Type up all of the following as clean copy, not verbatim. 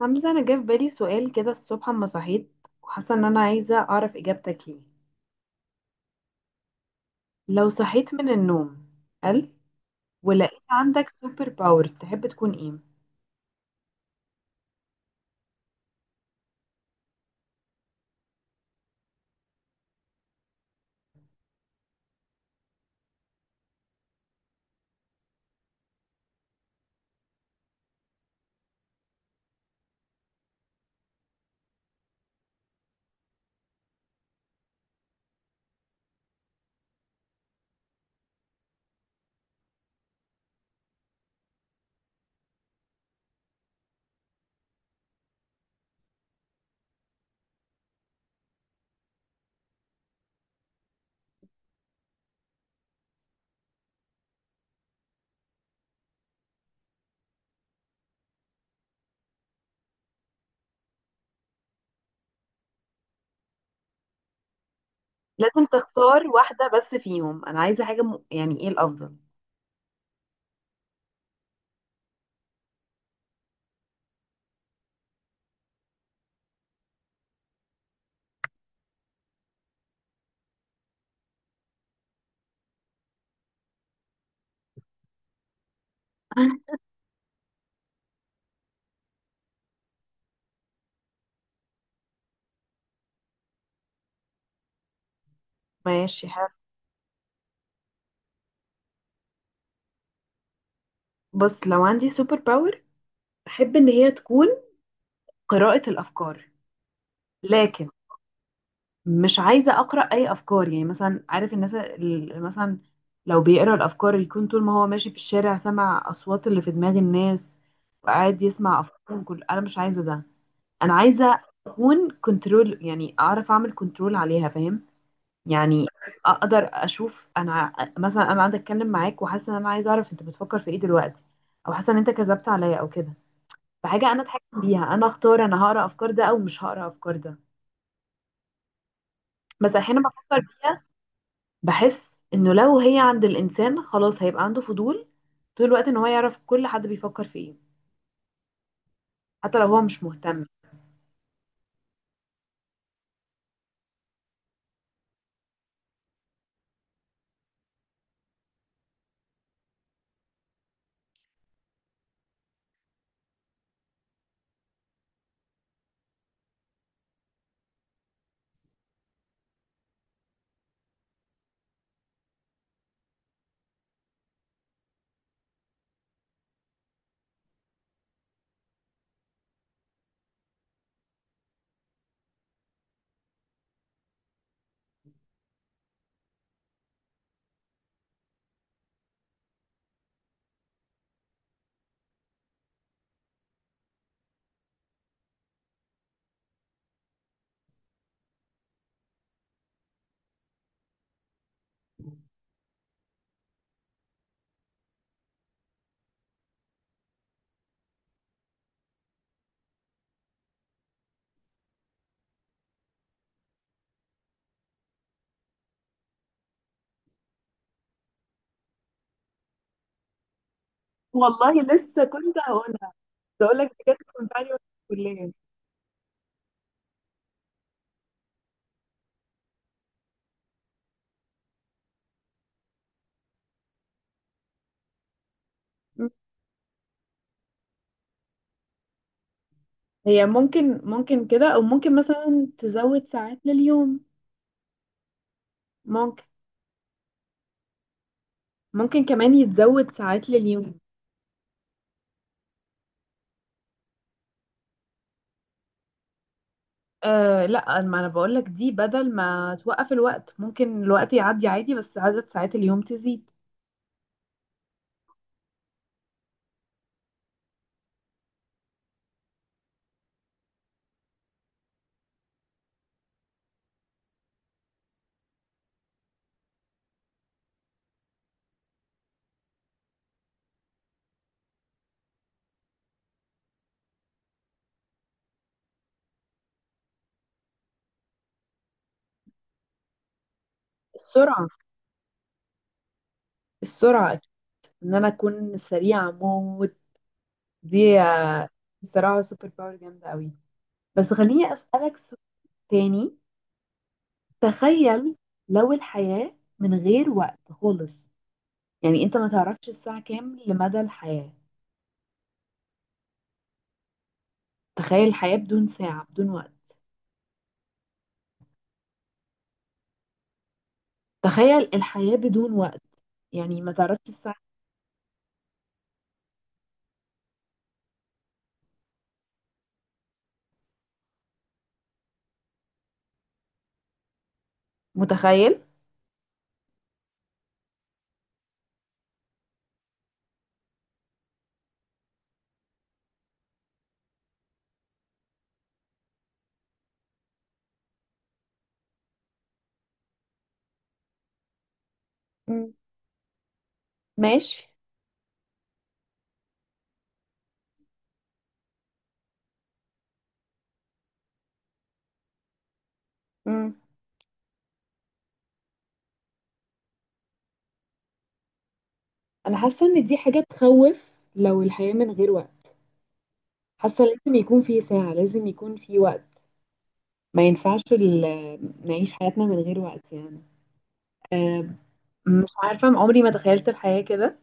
حمزة، أنا جه في بالي سؤال كده الصبح أما صحيت، وحاسة إن أنا عايزة أعرف إجابتك ليه. لو صحيت من النوم قال ولقيت عندك سوبر باور، تحب تكون إيه؟ لازم تختار واحدة بس فيهم. أنا عايزة حاجة يعني إيه الأفضل؟ ماشي، حلو. بص، لو عندي سوبر باور أحب إن هي تكون قراءة الأفكار، لكن مش عايزة أقرأ أي أفكار. يعني مثلا عارف الناس اللي مثلا لو بيقرأ الأفكار يكون طول ما هو ماشي في الشارع سمع أصوات اللي في دماغ الناس وقاعد يسمع أفكارهم، كل أنا مش عايزة ده. أنا عايزة أكون كنترول، يعني أعرف أعمل كنترول عليها، فاهم؟ يعني أقدر أشوف أنا، مثلا أنا قاعدة أتكلم معاك وحاسة إن أنا عايزة أعرف أنت بتفكر في إيه دلوقتي، أو حاسة إن أنت كذبت عليا أو كده. فحاجة أنا أتحكم بيها، أنا أختار أنا هقرأ أفكار ده أو مش هقرأ أفكار ده. بس أحيانا بفكر فيها، بحس انه لو هي عند الانسان خلاص هيبقى عنده فضول طول الوقت ان هو يعرف كل حد بيفكر في ايه، حتى لو هو مش مهتم. والله لسه كنت هقولها، كنت هقول لك بجد، كنت عادي وأنا في الكلية. مم. هي ممكن كده، او ممكن مثلا تزود ساعات لليوم، ممكن ممكن كمان يتزود ساعات لليوم. آه لا، ما انا بقول لك دي بدل ما توقف الوقت ممكن الوقت يعدي عادي، بس عدد ساعات اليوم تزيد. السرعة، السرعة، ان انا اكون سريعة موت. دي بصراحة سوبر باور جامدة قوي. بس خليني أسألك سؤال تاني. تخيل، لو الحياة من غير وقت خالص، يعني انت ما تعرفش الساعة كام لمدى الحياة. تخيل الحياة بدون ساعة، بدون وقت. تخيل الحياة بدون وقت، يعني ما تعرفش الساعة. متخيل؟ مم. ماشي. مم. انا حاسة ان دي حاجة تخوف، لو الحياة من غير وقت. حاسة لازم يكون في ساعة، لازم يكون في وقت. ما ينفعش نعيش حياتنا من غير وقت، يعني آه، مش عارفة، عمري ما تخيلت الحياة كده.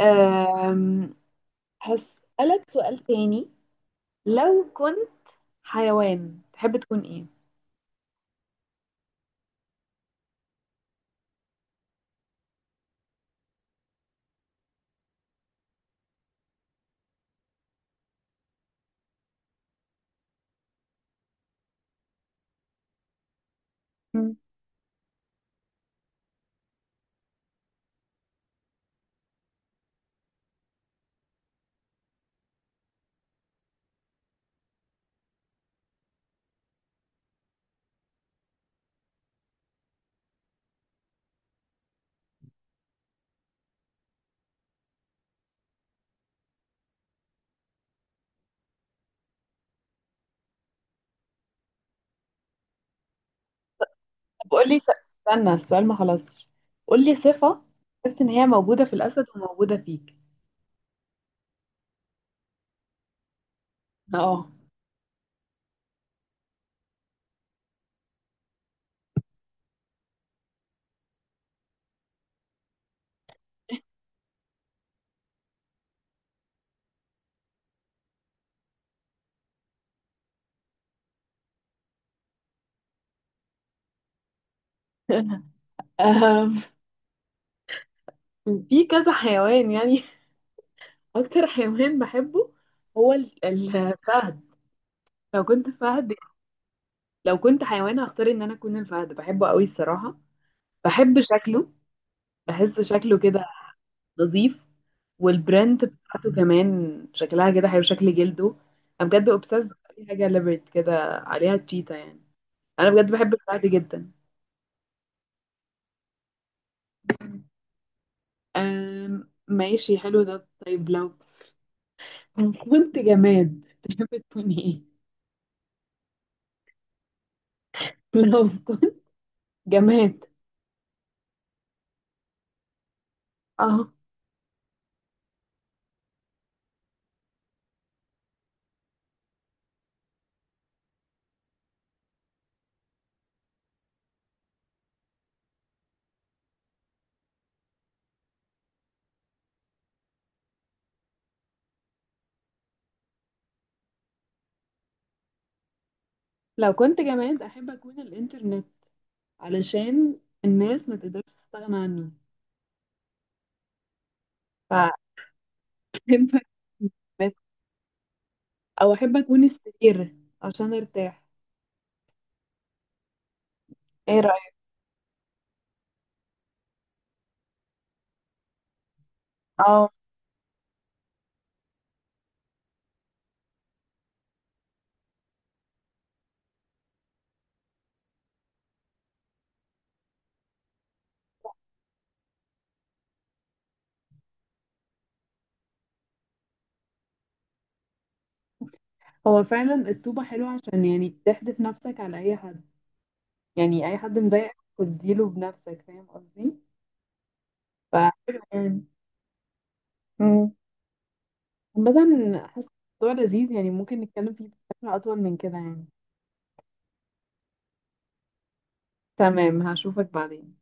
آم، هسألك سؤال تاني. لو كنت حيوان تحب تكون ايه؟ مم. طب قولي استنى، السؤال ما خلصش. قولي صفة تحس ان هي موجودة في الأسد وموجودة فيك. اه. آم، في كذا حيوان يعني. أكتر حيوان بحبه هو الفهد. لو كنت فهد، لو كنت حيوان هختار ان انا اكون الفهد، بحبه قوي الصراحة. بحب شكله، بحس شكله كده نظيف، والبراند بتاعته كمان شكلها كده حلو، شكل جلده. انا بجد اوبسيس باي حاجه ليبرت كده، عليها تشيتا يعني. انا بجد بحب البتاع دي جدا. أم ماشي، حلو ده. طيب لو كنت جماد تحب تكون ايه؟ لو كنت جماد. اه، لو كنت جماد احب اكون الانترنت، علشان الناس ما تقدرش تستغنى عنه، فاحب أكون الجماد. او احب اكون السرير عشان ارتاح. ايه رأيك؟ اه، هو فعلا الطوبة حلوة، عشان يعني تحدف نفسك على أي حد، يعني أي حد مضايقك تديله بنفسك، فاهم قصدي؟ فحلو يعني. مم. عامة، حاسة الموضوع لذيذ يعني، ممكن نتكلم فيه بشكل أطول من كده يعني. تمام، هشوفك بعدين.